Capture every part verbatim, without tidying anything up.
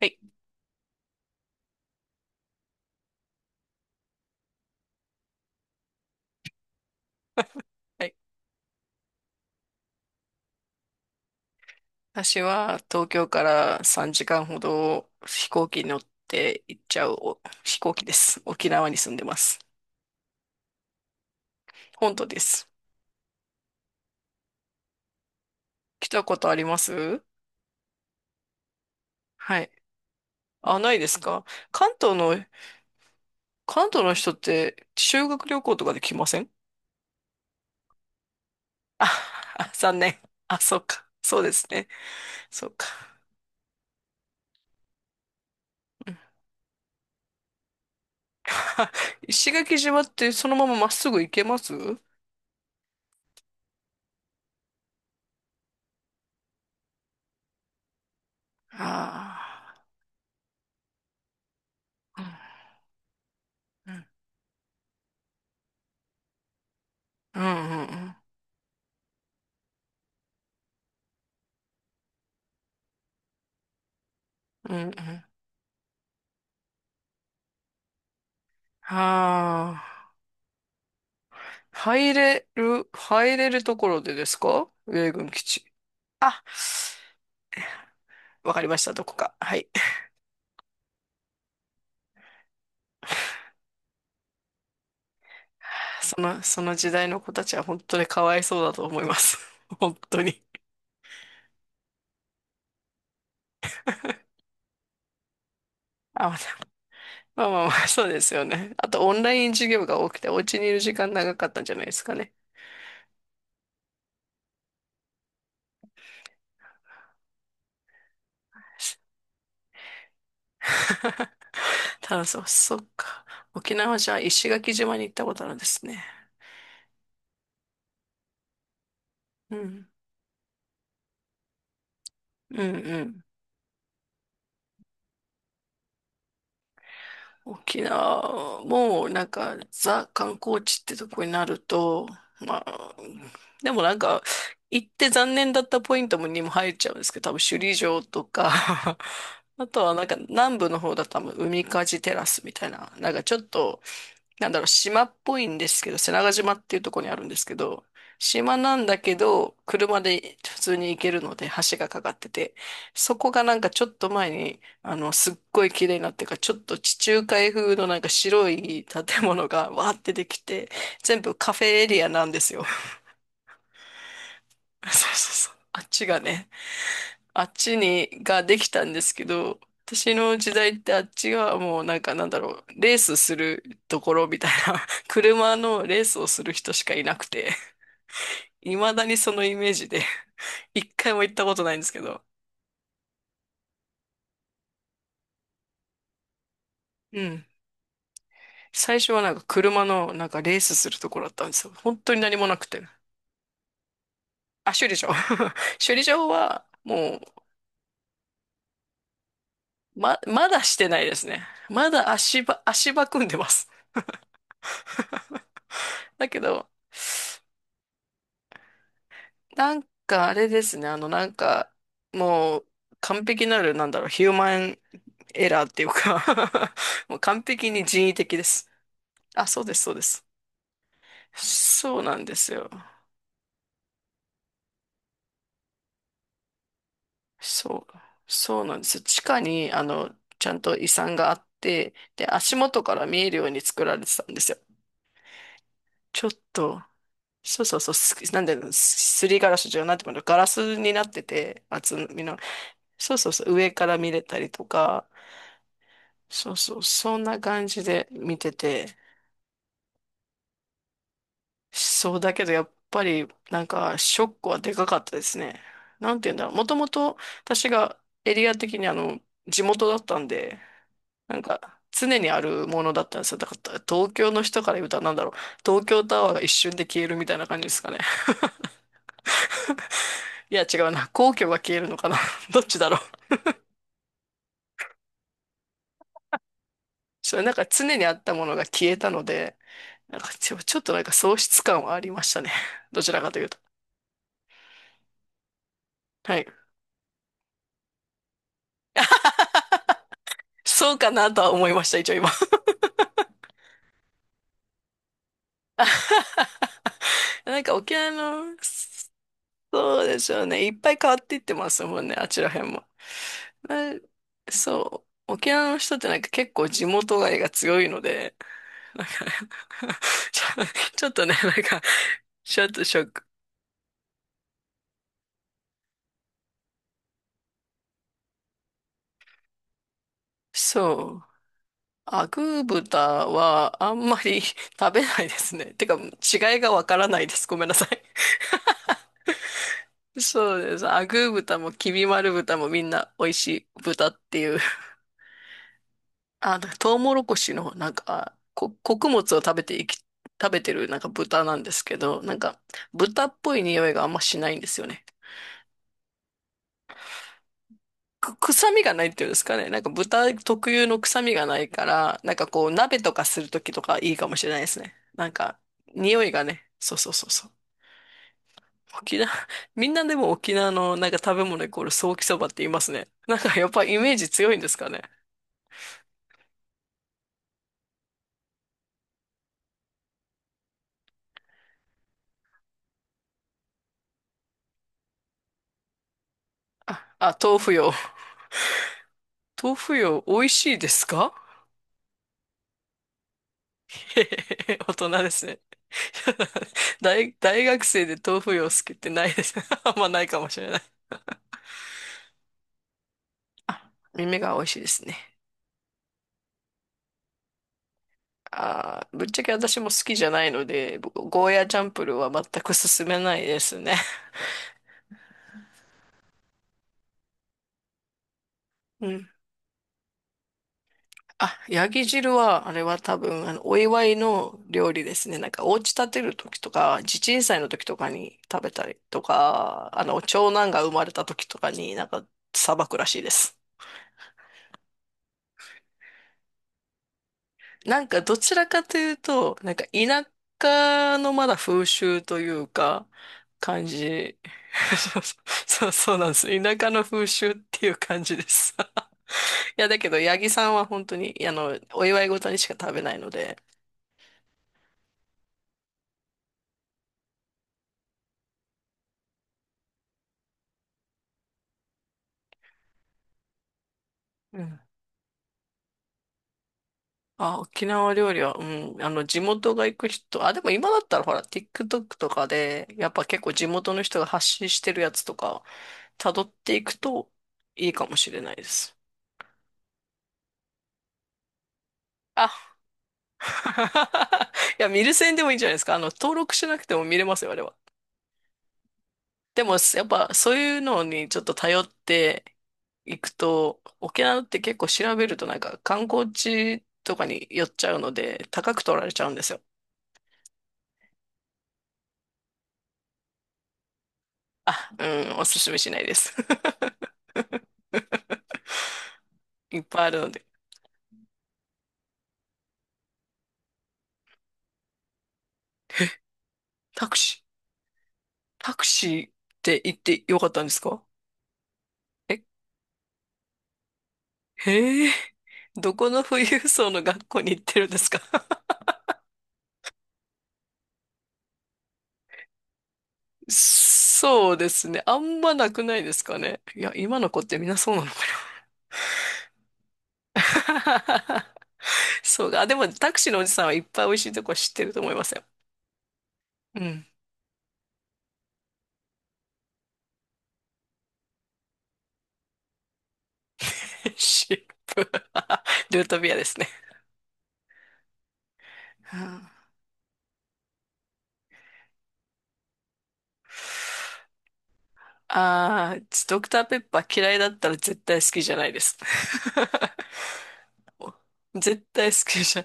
はい。はい、私は東京からさんじかんほど飛行機に乗って行っちゃうお飛行機です。沖縄に住んでます。本土です。来たことあります？はい。あ、ないですか？関東の、関東の人って修学旅行とかで来ません？あ、あ 残念。あ、そうか。そうですね。そうか。うん。 石垣島ってそのまままっすぐ行けます？ああー。うんうんうんうん、うんうんうん、ああ、入れる、入れるところでですか、米軍基地。あ、わかりました、どこか。はい。その、その時代の子たちは本当にかわいそうだと思います。本当に。あ、まあまあまあ、そうですよね。あと、オンライン授業が多くて、お家にいる時間長かったんじゃないですかね。ただ、そう、そっか。沖縄じゃあ石垣島に行ったことあるんですね。うん。うんうん、沖縄もなんかザ観光地ってとこになると、まあ、でもなんか行って残念だったポイントもにも入っちゃうんですけど、多分首里城とか。 あとはなんか南部の方だと多分海かじテラスみたいな、なんかちょっと、なんだろう、島っぽいんですけど、瀬長島っていうところにあるんですけど、島なんだけど、車で普通に行けるので、橋がかかってて、そこがなんかちょっと前に、あの、すっごい綺麗になってから、ちょっと地中海風のなんか白い建物がわーってできて、全部カフェエリアなんですよ。そうそうそう。あっちがね、あっちに、ができたんですけど、私の時代ってあっちがもうなんかなんだろう、レースするところみたいな、車のレースをする人しかいなくて、未だにそのイメージで、一回も行ったことないんですけど、うん。最初はなんか車のなんかレースするところだったんですよ。本当に何もなくて。あ、修理場。修理場はもう、ま、まだしてないですね。まだ足場、足場組んでます。だけど、なんかあれですね、あのなんか、もう完璧なる、なんだろう、ヒューマンエラーっていうか もう完璧に人為的です。あ、そうです、そうです。そうなんですよ。そう、そうなんですよ。地下に、あの、ちゃんと遺産があって、で、足元から見えるように作られてたんですよ。ちょっと、そうそうそう、すなんで、すりガラスじゃなくてもガラスになってて、厚みの、そうそうそう、上から見れたりとか、そうそう、そんな感じで見てて、そうだけどやっぱりなんかショックはでかかったですね。なんて言うんだろう。もともと私がエリア的にあの地元だったんで、なんか常にあるものだったんですよ。だから東京の人から言うとなんだろう。東京タワーが一瞬で消えるみたいな感じですかね。いや違うな。皇居が消えるのかな。どっちだろう。それ、なんか常にあったものが消えたので、なんかちょ、ちょっとなんか喪失感はありましたね。どちらかというと。はい。そうかなとは思いました、一応今。なんか沖縄の、そうでしょうね。いっぱい変わっていってますもんね、あちら辺も。まあ、そう。沖縄の人ってなんか結構地元愛が強いので、なんか ちょ、ちょっとね、なんか、ちょっとショック。そう。アグー豚はあんまり食べないですね。てか、違いがわからないです。ごめんなさい。そうです。アグー豚もきび丸豚もみんな美味しい豚っていう。あの、トウモロコシのなんか、こ、穀物を食べていき、食べてるなんか豚なんですけど、なんか豚っぽい匂いがあんましないんですよね。く、臭みがないっていうんですかね。なんか豚特有の臭みがないから、なんかこう鍋とかするときとかいいかもしれないですね。なんか匂いがね、そうそうそうそう。沖縄、みんなでも沖縄のなんか食べ物イコールソーキそばって言いますね。なんかやっぱイメージ強いんですかね。あ、豆腐よ。豆腐よ、美味しいですか？へへ、へへ 大人ですね。大、大学生で豆腐よ好きってないです。あんまないかもしれない。あ、耳が美味しいですね。あー、ぶっちゃけ私も好きじゃないので、ゴーヤーチャンプルーは全く勧めないですね。うん、あ、ヤギ汁は、あれは多分、あの、お祝いの料理ですね。なんか、お家建てる時とか、地鎮祭の時とかに食べたりとか、あの、長男が生まれた時とかになんか、さばくらしいです。なんか、どちらかというと、なんか、田舎のまだ風習というか、感じ。そうそう、そうなんです。田舎の風習っていう感じです。いや、だけど、八木さんは本当に、あの、お祝い事にしか食べないので、うん、あ、沖縄料理は、うん、あの、地元が行く人、あ、でも今だったらほら、TikTok とかで、やっぱ結構地元の人が発信してるやつとか、辿っていくといいかもしれないです。あ、いや、見る専でもいいんじゃないですか。あの、登録しなくても見れますよ、あれは。でも、やっぱそういうのにちょっと頼っていくと、沖縄って結構調べるとなんか観光地とかに寄っちゃうので、高く取られちゃうんですよ。あ、うん、おすすめしないです。いっぱいあるので。タクシー、タクシーって行ってよかったんですか？え、へえ、どこの富裕層の学校に行ってるんですか？ そうですね。あんまなくないですかね。いや、今の子ってみんなそうなのかな。 そうか。あでも、タクシーのおじさんはいっぱい美味しいとこ知ってると思いますよ。うん。シップ。ルートビアですね。ああー、ドクターペッパー嫌いだったら絶対好きじゃないです。絶対好きじゃん。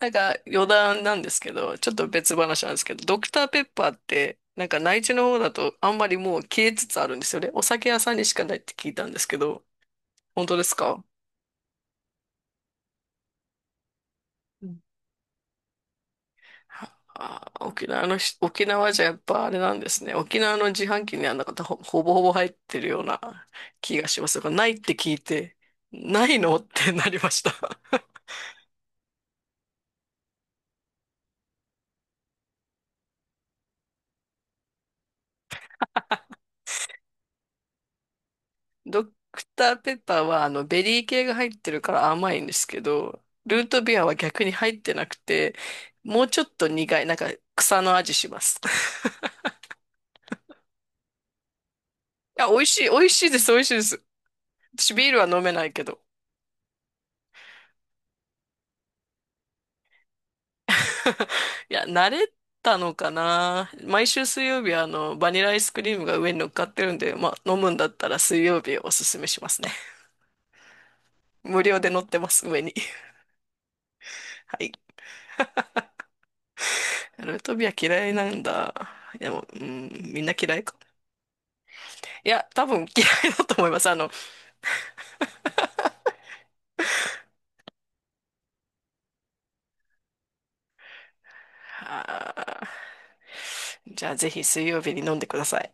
なんか余談なんですけど、ちょっと別話なんですけど、ドクターペッパーって、なんか内地の方だとあんまりもう消えつつあるんですよね。お酒屋さんにしかないって聞いたんですけど、本当ですか？うん、ああ、沖縄のし、沖縄じゃやっぱあれなんですね。沖縄の自販機にはなんかほ、ほぼほぼ入ってるような気がします。がないって聞いて、ないのってなりました。ドクターペッパーはあのベリー系が入ってるから甘いんですけど、ルートビアは逆に入ってなくて、もうちょっと苦い、なんか草の味します。いや、美味しい、美味しいです、美味しいです。私ビールは飲めないけど。いや、慣れたのかな。毎週水曜日はあのバニラアイスクリームが上に乗っかってるんで、まあ飲むんだったら水曜日おすすめしますね。無料で乗ってます、上に。はい。ルートビア嫌いなんだ。でも、うん、みんな嫌い、いや、多分嫌いだと思います。あの、あー、じゃあぜひ水曜日に飲んでください。